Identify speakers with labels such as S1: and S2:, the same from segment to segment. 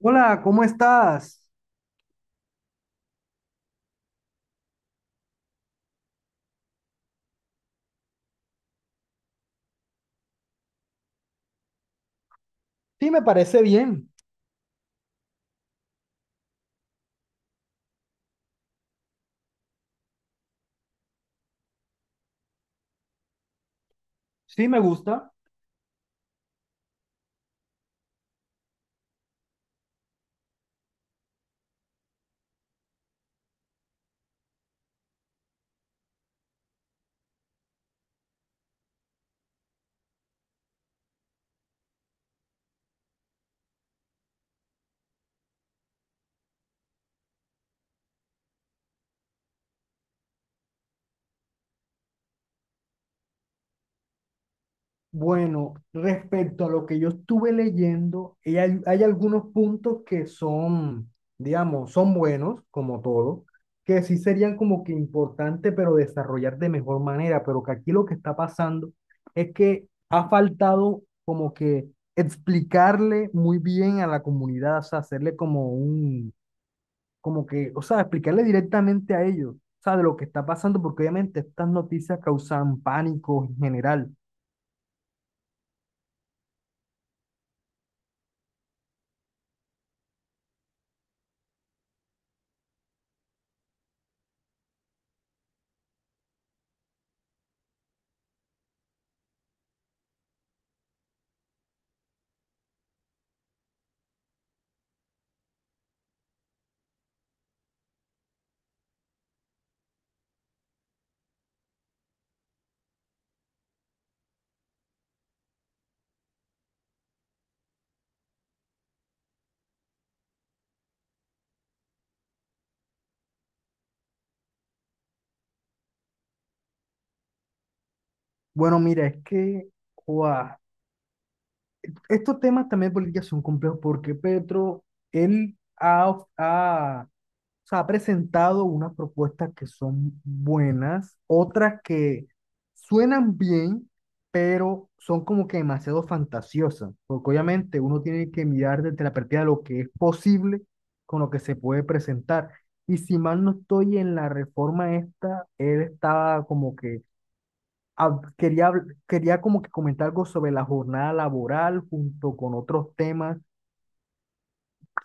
S1: Hola, ¿cómo estás? Sí, me parece bien. Sí, me gusta. Bueno, respecto a lo que yo estuve leyendo, y hay algunos puntos que son, digamos, son buenos, como todo, que sí serían como que importantes, pero desarrollar de mejor manera, pero que aquí lo que está pasando es que ha faltado como que explicarle muy bien a la comunidad, o sea, hacerle como un, como que, o sea, explicarle directamente a ellos, o sea, de lo que está pasando, porque obviamente estas noticias causan pánico en general. Bueno, mira, es que, joa, estos temas también de política son complejos porque Petro, él ha, of- ha o sea, ha presentado unas propuestas que son buenas, otras que suenan bien, pero son como que demasiado fantasiosas, porque obviamente uno tiene que mirar desde la perspectiva de lo que es posible con lo que se puede presentar. Y si mal no estoy en la reforma esta, él estaba como que quería como que comentar algo sobre la jornada laboral junto con otros temas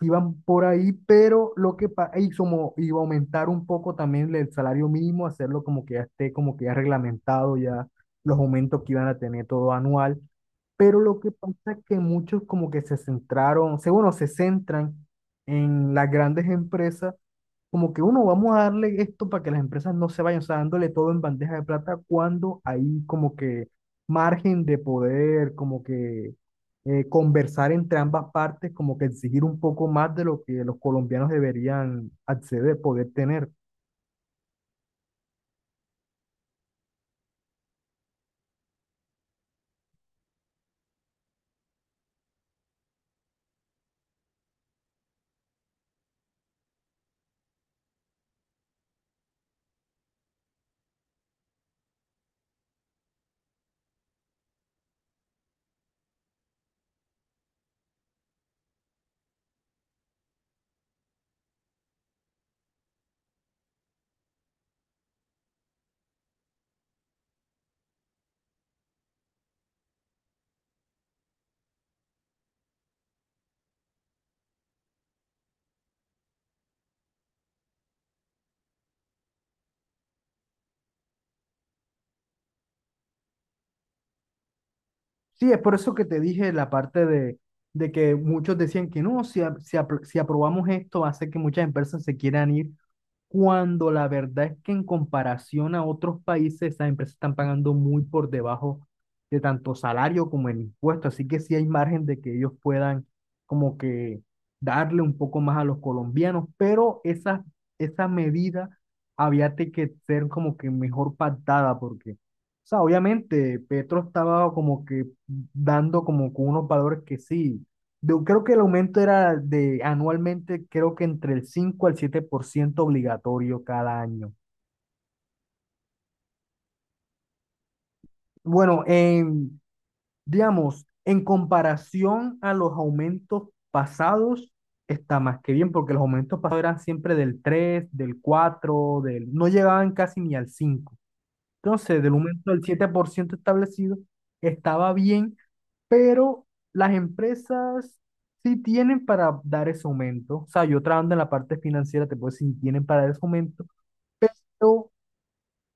S1: iban por ahí, pero y como iba a aumentar un poco también el salario mínimo, hacerlo como que ya esté como que ya reglamentado ya los aumentos que iban a tener todo anual, pero lo que pasa es que muchos como que se centraron, se, bueno, se centran en las grandes empresas como que uno, vamos a darle esto para que las empresas no se vayan, o sea, dándole todo en bandeja de plata cuando hay como que margen de poder, como que conversar entre ambas partes, como que exigir un poco más de lo que los colombianos deberían acceder, poder tener. Sí, es por eso que te dije la parte de, que muchos decían que no, si aprobamos esto, hace que muchas empresas se quieran ir cuando la verdad es que en comparación a otros países, esas empresas están pagando muy por debajo de tanto salario como el impuesto, así que sí hay margen de que ellos puedan como que darle un poco más a los colombianos, pero esa medida que ser como que mejor pactada porque, o sea, obviamente Petro estaba como que dando como que unos valores que sí. Yo creo que el aumento era de anualmente, creo que entre el 5 al 7% obligatorio cada año. Bueno, en, digamos, en comparación a los aumentos pasados, está más que bien, porque los aumentos pasados eran siempre del 3 del 4 del, no llegaban casi ni al cinco. Entonces, del aumento del 7% establecido, estaba bien, pero las empresas sí tienen para dar ese aumento. O sea, yo trabajando en la parte financiera, te puedo decir, sí tienen para dar ese aumento, pero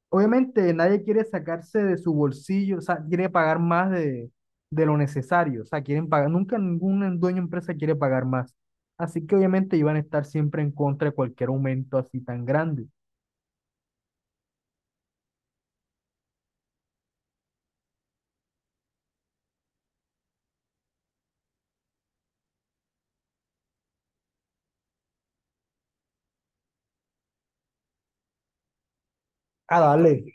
S1: obviamente nadie quiere sacarse de su bolsillo, o sea, quiere pagar más de lo necesario. O sea, quieren pagar, nunca ningún dueño de empresa quiere pagar más. Así que obviamente iban a estar siempre en contra de cualquier aumento así tan grande. Ah, dale.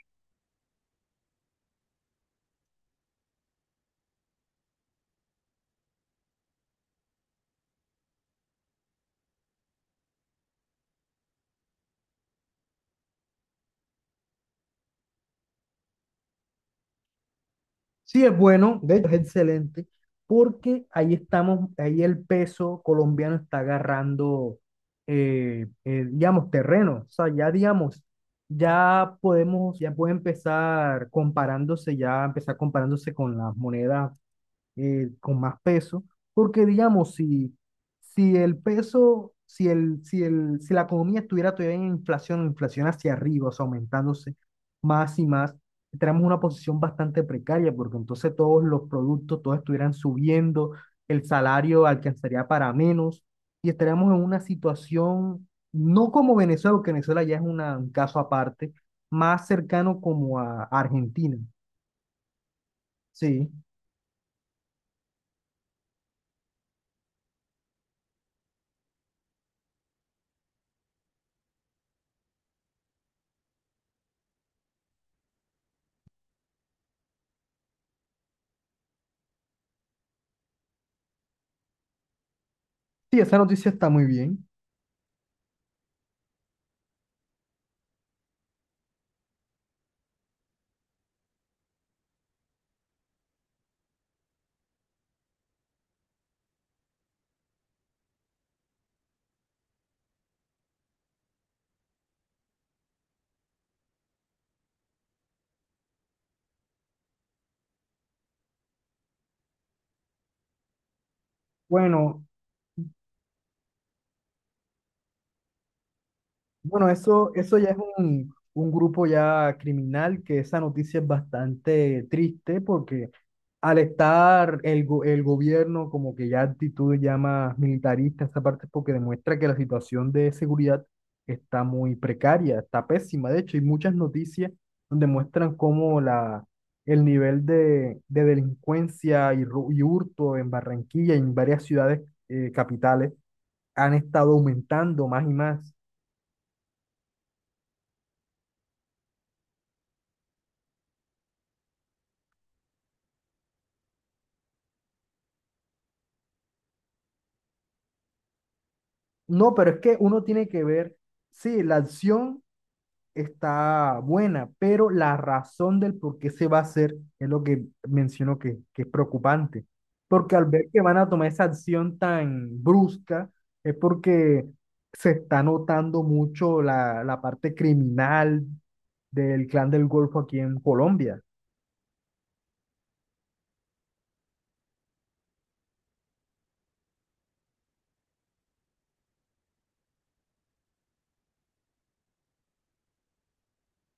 S1: Sí, es bueno, de hecho es excelente, porque ahí estamos, ahí el peso colombiano está agarrando, digamos, terreno. O sea, ya digamos, ya podemos, ya puede empezar comparándose, ya empezar comparándose con las monedas con más peso, porque digamos, si, si el peso, si la economía estuviera todavía en inflación, inflación hacia arriba, o sea, aumentándose más y más, tenemos una posición bastante precaria, porque entonces todos los productos, todos estuvieran subiendo, el salario alcanzaría para menos, y estaríamos en una situación, no como Venezuela, porque Venezuela ya es un caso aparte, más cercano como a Argentina. Sí, sí, esa noticia está muy bien. Bueno, bueno, eso ya es un grupo ya criminal, que esa noticia es bastante triste porque al estar el gobierno como que ya actitud ya más militarista, esa parte es porque demuestra que la situación de seguridad está muy precaria, está pésima. De hecho, hay muchas noticias donde muestran cómo el nivel de delincuencia y hurto en Barranquilla y en varias ciudades capitales han estado aumentando más y más. No, pero es que uno tiene que ver, sí, la acción está buena, pero la razón del por qué se va a hacer es lo que menciono que es preocupante. Porque al ver que van a tomar esa acción tan brusca, es porque se está notando mucho la, la parte criminal del clan del Golfo aquí en Colombia.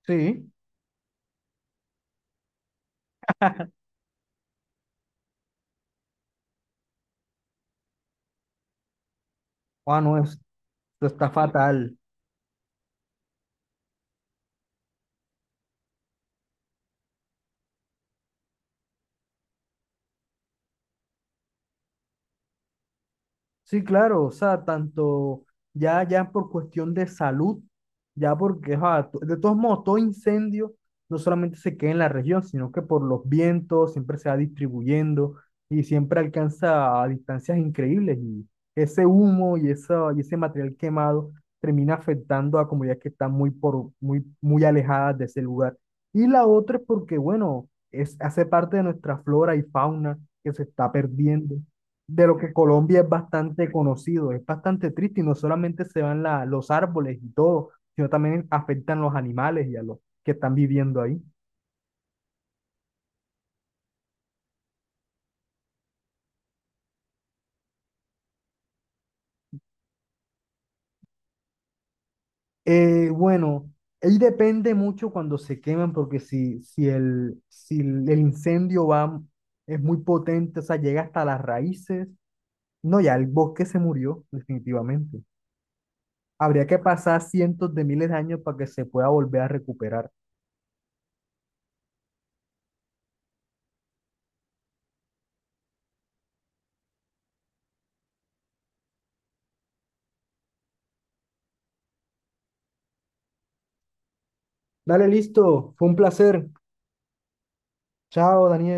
S1: Sí, ah, no, esto está fatal. Sí, claro, o sea, tanto ya, ya por cuestión de salud, ya porque, ajá, de todos modos, todo incendio no solamente se queda en la región, sino que por los vientos siempre se va distribuyendo y siempre alcanza a distancias increíbles y ese humo y ese material quemado termina afectando a comunidades que están muy, muy alejadas de ese lugar. Y la otra es porque, bueno, es, hace parte de nuestra flora y fauna que se está perdiendo de lo que Colombia es bastante conocido, es bastante triste y no solamente se van los árboles y todo, sino también afectan los animales y a los que están viviendo ahí. Bueno, ahí depende mucho cuando se queman, porque si el incendio va, es muy potente, o sea, llega hasta las raíces, no, ya el bosque se murió definitivamente. Habría que pasar cientos de miles de años para que se pueda volver a recuperar. Dale, listo, fue un placer. Chao, Daniel.